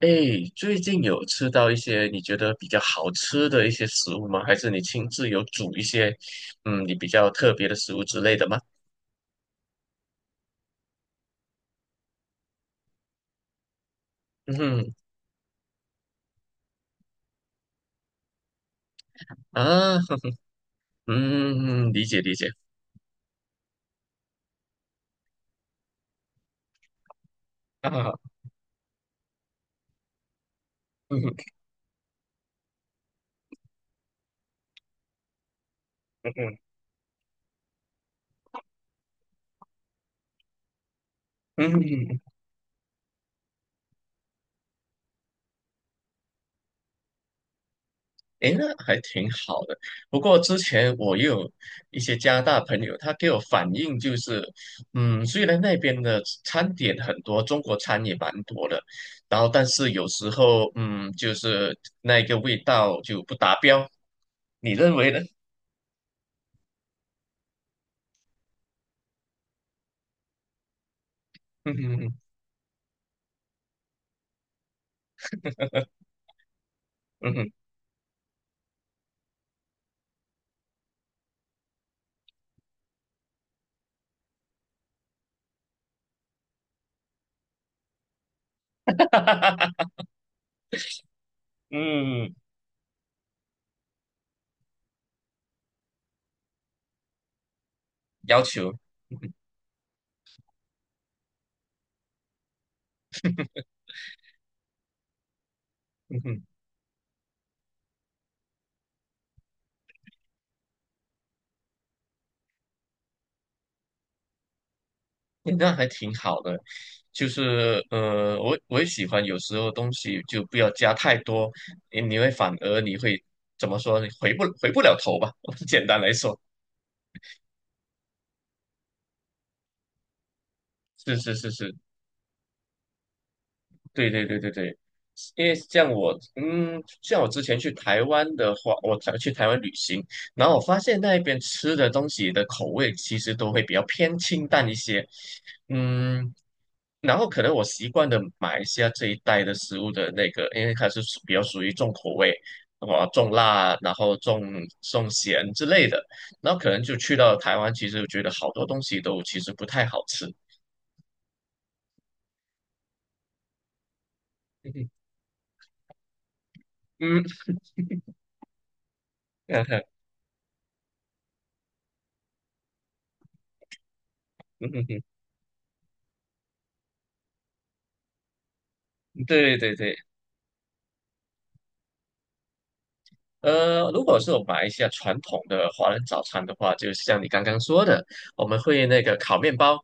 哎，最近有吃到一些你觉得比较好吃的一些食物吗？还是你亲自有煮一些，你比较特别的食物之类的吗？嗯哼。啊。嗯，嗯嗯，理解理解。啊。嗯哼嗯哼。嗯。诶，那还挺好的。不过之前我也有一些加拿大朋友，他给我反映就是，虽然那边的餐点很多，中国餐也蛮多的，然后但是有时候，就是那个味道就不达标。你认为呢？嗯哼嗯哼嗯哼。嗯，要求。嗯。诶，那还挺好的，就是我也喜欢有时候东西就不要加太多，你会反而你会怎么说你回不了头吧？简单来说，是是是是。对对对对对，因为像我，之前去台湾的话，我才去台湾旅行，然后我发现那边吃的东西的口味其实都会比较偏清淡一些。嗯。然后可能我习惯的马来西亚这一带的食物的那个，因为它是比较属于重口味。哇，重辣，然后重咸之类的，然后可能就去到台湾，其实我觉得好多东西都其实不太好吃。嗯。 嗯哼。嗯。对对对。如果是我们马来西亚传统的华人早餐的话，就像你刚刚说的，我们会那个烤面包，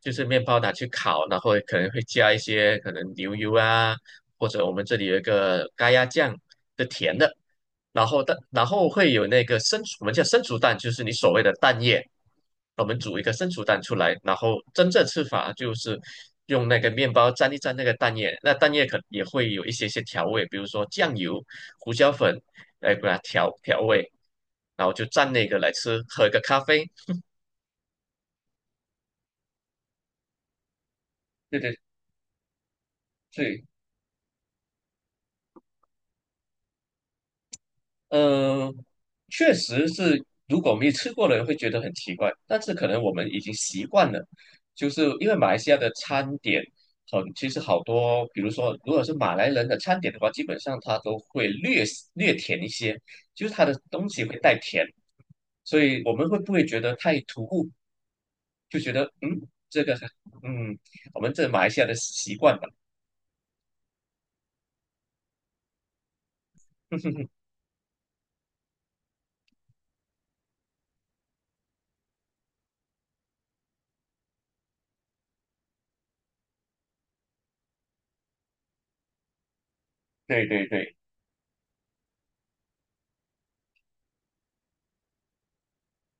就是面包拿去烤，然后可能会加一些可能牛油啊，或者我们这里有一个咖椰酱的甜的，然后会有那个生熟，我们叫生熟蛋，就是你所谓的蛋液，我们煮一个生熟蛋出来，然后真正吃法就是用那个面包沾一沾那个蛋液，那蛋液可也会有一些些调味，比如说酱油、胡椒粉，来把它调味，然后就蘸那个来吃，喝一个咖啡。对对对。嗯。确实是，如果没吃过的人会觉得很奇怪，但是可能我们已经习惯了，就是因为马来西亚的餐点很，其实好多，比如说如果是马来人的餐点的话，基本上它都会略略甜一些，就是它的东西会带甜，所以我们会不会觉得太突兀，就觉得这个嗯，我们这马来西亚的习惯吧。对对对，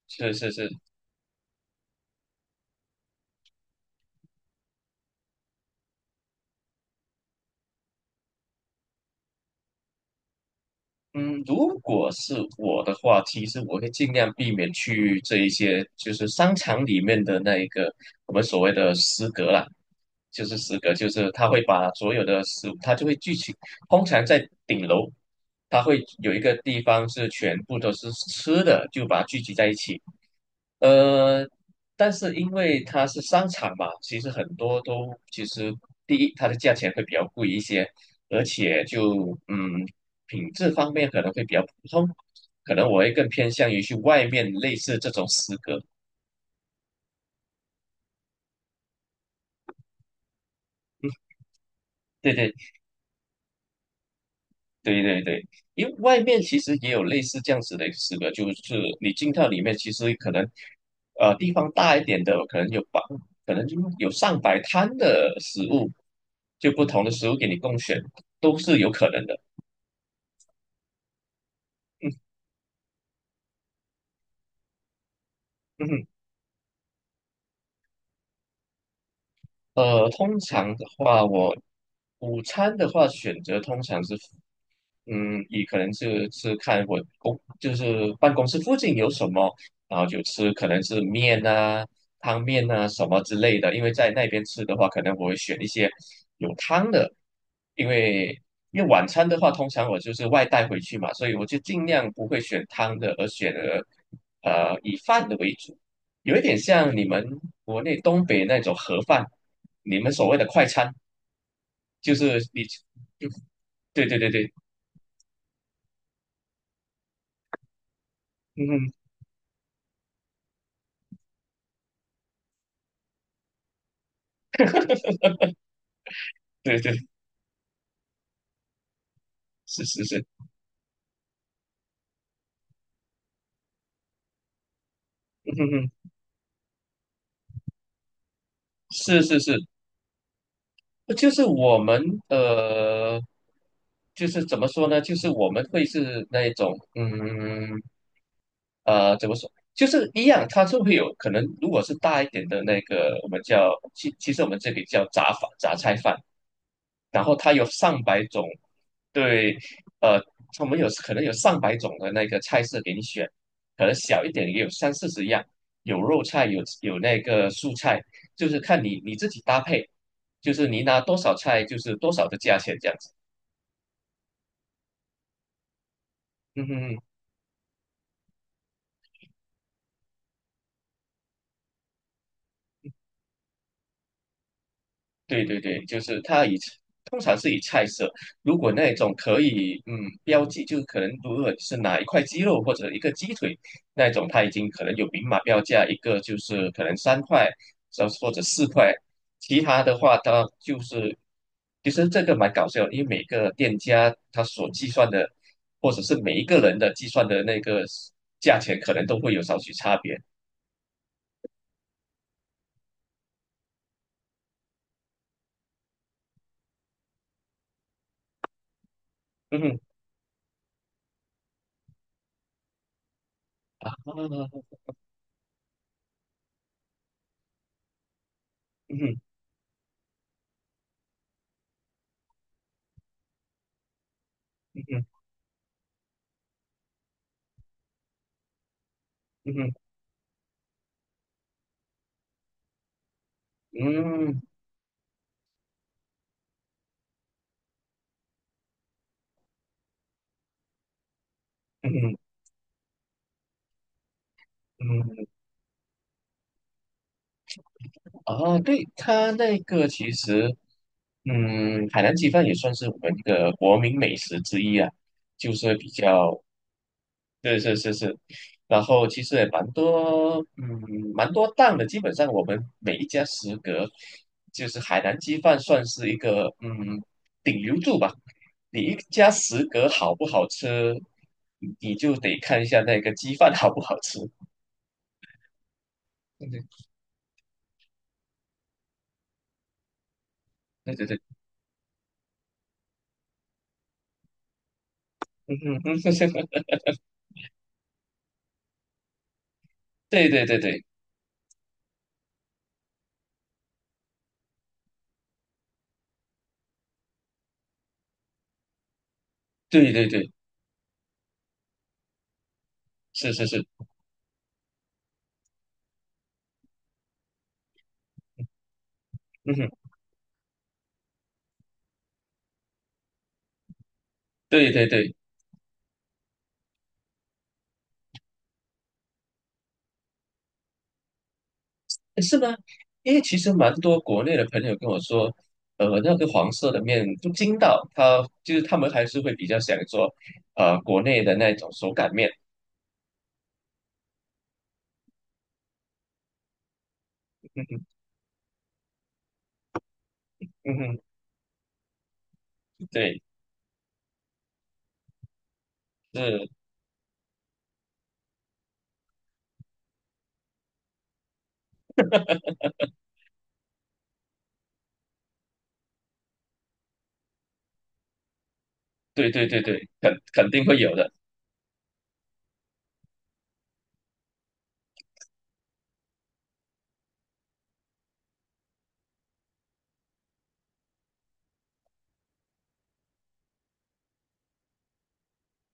是是是。嗯，如果是我的话，其实我会尽量避免去这一些，就是商场里面的那一个我们所谓的食阁啦，就是食阁，就是他会把所有的食物，他就会聚集，通常在顶楼，他会有一个地方是全部都是吃的，就把它聚集在一起。呃，但是因为它是商场嘛，其实很多都其实第一，它的价钱会比较贵一些，而且就品质方面可能会比较普通，可能我会更偏向于去外面类似这种食阁。对对对对对，因为外面其实也有类似这样子的一个，就是你进到里面，其实可能地方大一点的，可能就有上百摊的食物，就不同的食物给你供选，都是有可能的。嗯嗯。通常的话，我午餐的话选择通常是，以可能是看就是办公室附近有什么，然后就吃可能是面啊、汤面啊什么之类的。因为在那边吃的话，可能我会选一些有汤的，因为因为晚餐的话，通常我就是外带回去嘛，所以我就尽量不会选汤的，而选了以饭的为主，有一点像你们国内东北那种盒饭。你们所谓的快餐，就是你就对对对对。嗯哼。对对。是是是。嗯哼哼。是是是。就是我们呃，就是怎么说呢？就是我们会是那一种，怎么说？就是一样，它就会有可能，如果是大一点的那个，我们叫。其实我们这里叫杂菜饭，然后它有上百种。对。呃，我们有可能有上百种的那个菜色给你选，可能小一点也有三四十样，有肉菜，有那个素菜，就是看你自己搭配，就是你拿多少菜就是多少的价钱这样子。嗯哼嗯哼。对对对，就是通常是以菜色，如果那种可以标记，就可能如果是哪一块鸡肉或者一个鸡腿那种，它已经可能有明码标价，一个就是可能三块，或者四块，其他的话它就是其实这个蛮搞笑的，因为每个店家他所计算的，或者是每一个人的计算的那个价钱，可能都会有少许差别。嗯哼。啊。嗯哼嗯哼嗯哼嗯哼嗯哼嗯哼。哦，对，它那个其实，海南鸡饭也算是我们一个国民美食之一啊，就是比较，对，是是是。然后其实也蛮多，蛮多档的，基本上我们每一家食阁，就是海南鸡饭算是一个，顶流柱吧。你一家食阁好不好吃，你就得看一下那个鸡饭好不好吃。对对对对。 对。嗯嗯嗯。 对对对对对对对，是是是。嗯哼。对对对。诶，是吗？因为其实蛮多国内的朋友跟我说，那个黄色的面不筋道，他们还是会比较想做，国内的那种手擀面。嗯哼。嗯哼。对。是。对对对对，肯定会有的。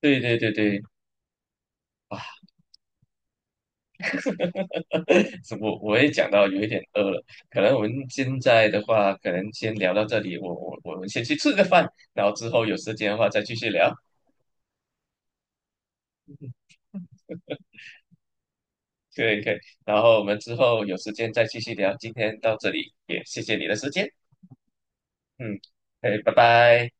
对对对对。啊。是我也讲到有一点饿了，可能我们现在的话，可能先聊到这里，我们先去吃个饭，然后之后有时间的话再继续聊。可以可以。然后我们之后有时间再继续聊，今天到这里，也谢谢你的时间。嗯。哎，拜拜。